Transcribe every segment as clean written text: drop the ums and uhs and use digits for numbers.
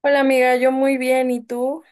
Hola amiga, yo muy bien, ¿y tú?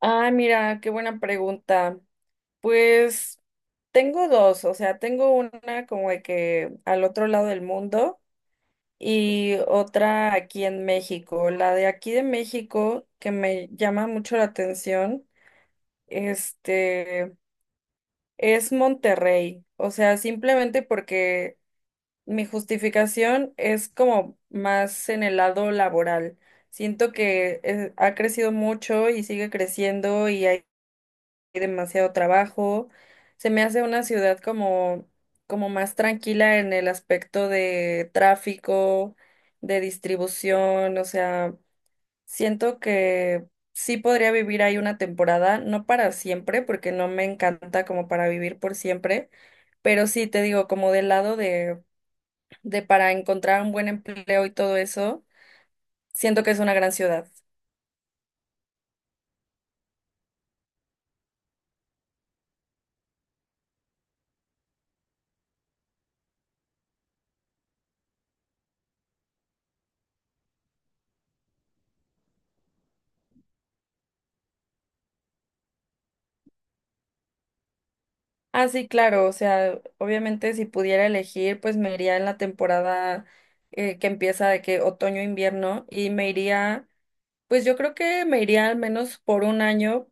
Ah, mira, qué buena pregunta. Pues tengo dos, o sea, tengo una como de que al otro lado del mundo y otra aquí en México. La de aquí de México, que me llama mucho la atención, este, es Monterrey. O sea, simplemente porque mi justificación es como más en el lado laboral. Siento que ha crecido mucho y sigue creciendo y hay demasiado trabajo. Se me hace una ciudad como, como más tranquila en el aspecto de tráfico, de distribución. O sea, siento que sí podría vivir ahí una temporada, no para siempre, porque no me encanta como para vivir por siempre, pero sí te digo, como del lado de para encontrar un buen empleo y todo eso, siento que es una gran ciudad. Ah, sí, claro, o sea, obviamente si pudiera elegir, pues me iría en la temporada que empieza de que otoño-invierno y me iría. Pues yo creo que me iría al menos por un año,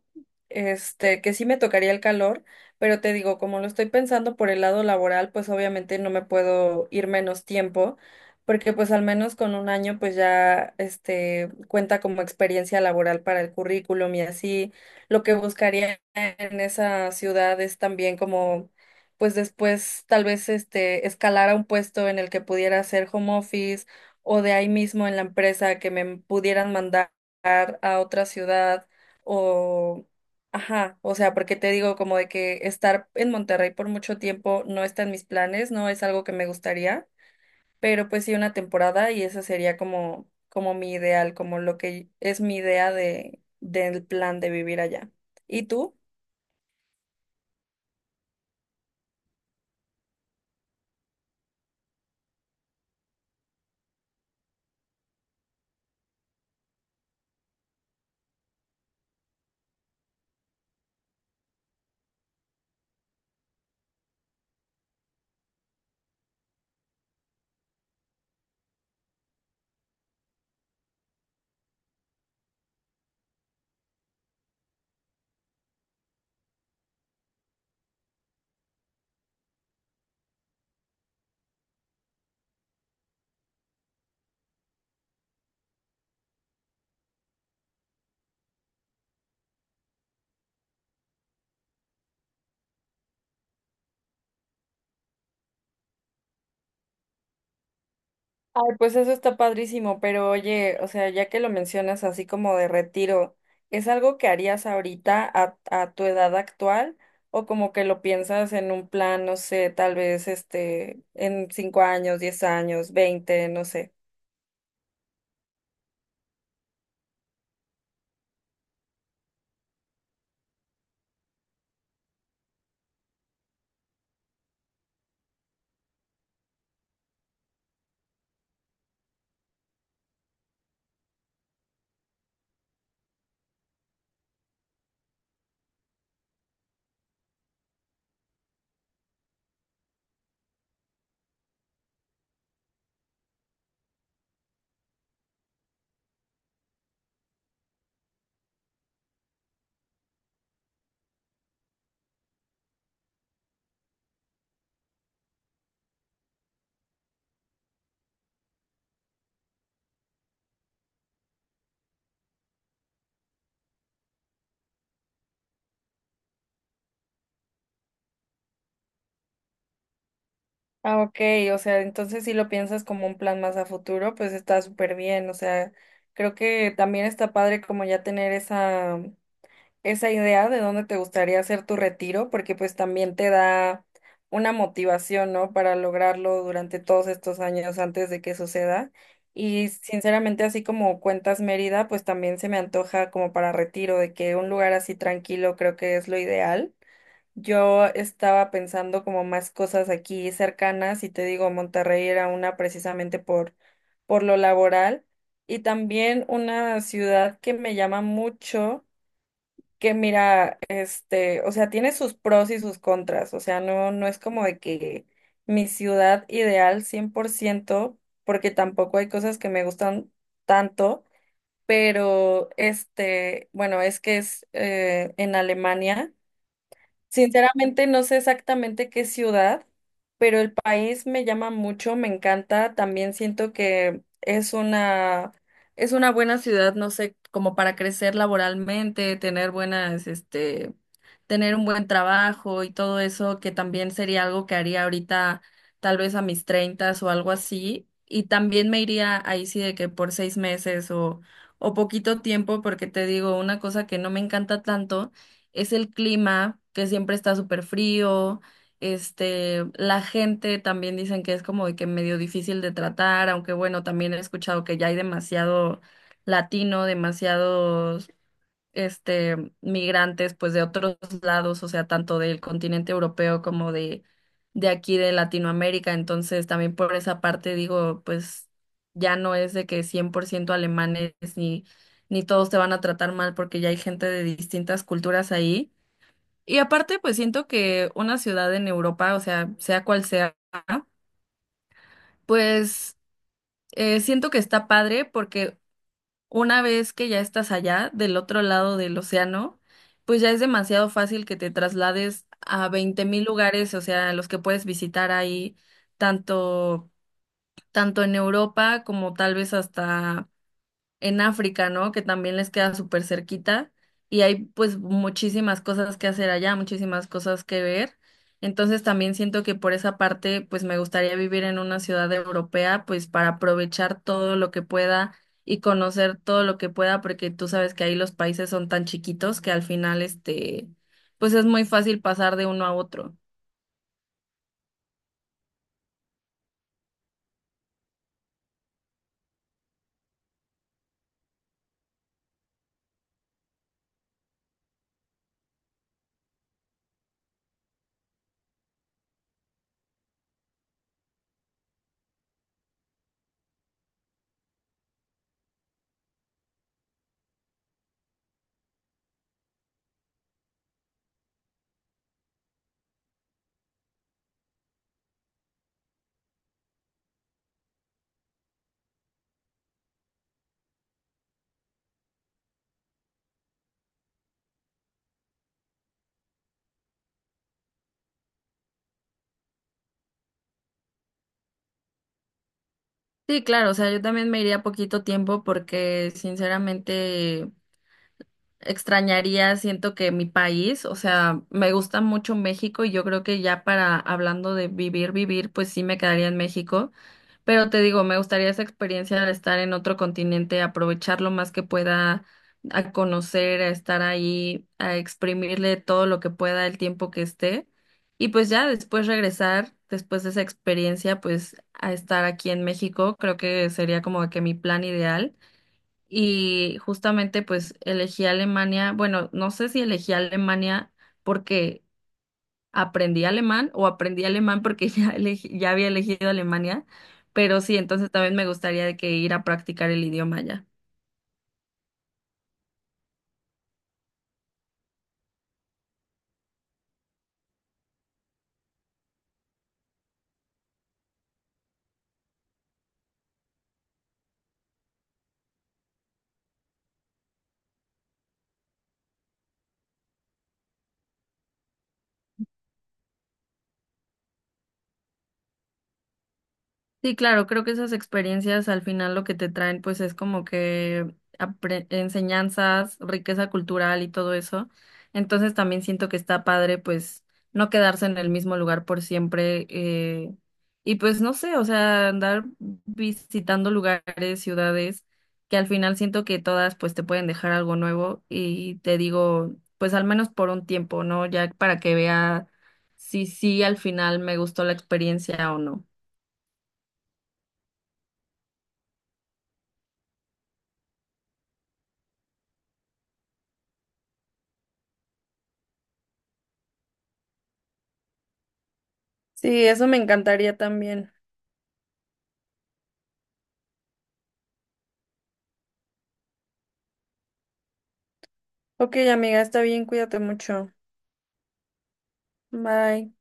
que sí me tocaría el calor, pero te digo, como lo estoy pensando por el lado laboral, pues obviamente no me puedo ir menos tiempo, porque pues al menos con un año pues ya, cuenta como experiencia laboral para el currículum y así. Lo que buscaría en esa ciudad es también como, pues después tal vez, escalar a un puesto en el que pudiera hacer home office o de ahí mismo en la empresa que me pudieran mandar a otra ciudad o, ajá, o sea, porque te digo como de que estar en Monterrey por mucho tiempo no está en mis planes, no es algo que me gustaría, pero pues sí una temporada y ese sería como, como mi ideal, como lo que es mi idea de, del plan de vivir allá. ¿Y tú? Ay, pues eso está padrísimo, pero oye, o sea, ya que lo mencionas así como de retiro, ¿es algo que harías ahorita a tu edad actual o como que lo piensas en un plan, no sé, tal vez en 5 años, 10 años, 20, no sé? Ah, ok, o sea, entonces si lo piensas como un plan más a futuro, pues está súper bien, o sea, creo que también está padre como ya tener esa idea de dónde te gustaría hacer tu retiro, porque pues también te da una motivación, ¿no? Para lograrlo durante todos estos años antes de que suceda. Y sinceramente, así como cuentas Mérida, pues también se me antoja como para retiro, de que un lugar así tranquilo creo que es lo ideal. Yo estaba pensando como más cosas aquí cercanas y te digo, Monterrey era una precisamente por lo laboral y también una ciudad que me llama mucho que mira, o sea, tiene sus pros y sus contras, o sea, no, no es como de que mi ciudad ideal 100% porque tampoco hay cosas que me gustan tanto, pero bueno, es que es en Alemania. Sinceramente no sé exactamente qué ciudad, pero el país me llama mucho, me encanta. También siento que es una buena ciudad, no sé, como para crecer laboralmente, tener buenas, tener un buen trabajo y todo eso, que también sería algo que haría ahorita, tal vez a mis treintas o algo así. Y también me iría ahí sí de que por 6 meses o poquito tiempo, porque te digo, una cosa que no me encanta tanto es el clima, que siempre está súper frío, la gente también dicen que es como de que medio difícil de tratar, aunque bueno, también he escuchado que ya hay demasiado latino, demasiados, migrantes, pues de otros lados, o sea, tanto del continente europeo como de aquí de Latinoamérica, entonces también por esa parte digo, pues ya no es de que 100% alemanes ni... Ni todos te van a tratar mal porque ya hay gente de distintas culturas ahí. Y aparte, pues siento que una ciudad en Europa, o sea, sea cual sea, ¿no? Pues siento que está padre porque una vez que ya estás allá, del otro lado del océano, pues ya es demasiado fácil que te traslades a 20.000 lugares, o sea, los que puedes visitar ahí, tanto, tanto en Europa como tal vez hasta en África, ¿no? Que también les queda súper cerquita y hay pues muchísimas cosas que hacer allá, muchísimas cosas que ver. Entonces también siento que por esa parte pues me gustaría vivir en una ciudad europea pues para aprovechar todo lo que pueda y conocer todo lo que pueda porque tú sabes que ahí los países son tan chiquitos que al final pues es muy fácil pasar de uno a otro. Sí, claro, o sea, yo también me iría poquito tiempo porque sinceramente extrañaría, siento que mi país, o sea, me gusta mucho México y yo creo que ya para hablando de vivir, vivir, pues sí me quedaría en México, pero te digo, me gustaría esa experiencia de estar en otro continente, aprovechar lo más que pueda, a conocer, a estar ahí, a exprimirle todo lo que pueda el tiempo que esté y pues ya después regresar. Después de esa experiencia, pues a estar aquí en México, creo que sería como que mi plan ideal y justamente pues elegí Alemania, bueno, no sé si elegí Alemania porque aprendí alemán o aprendí alemán porque ya había elegido Alemania, pero sí, entonces también me gustaría de que ir a practicar el idioma allá. Sí, claro, creo que esas experiencias al final lo que te traen pues es como que enseñanzas, riqueza cultural y todo eso. Entonces también siento que está padre pues no quedarse en el mismo lugar por siempre y pues no sé, o sea, andar visitando lugares, ciudades que al final siento que todas pues te pueden dejar algo nuevo y te digo pues al menos por un tiempo, ¿no? Ya para que vea si sí al final me gustó la experiencia o no. Sí, eso me encantaría también. Ok, amiga, está bien, cuídate mucho. Bye.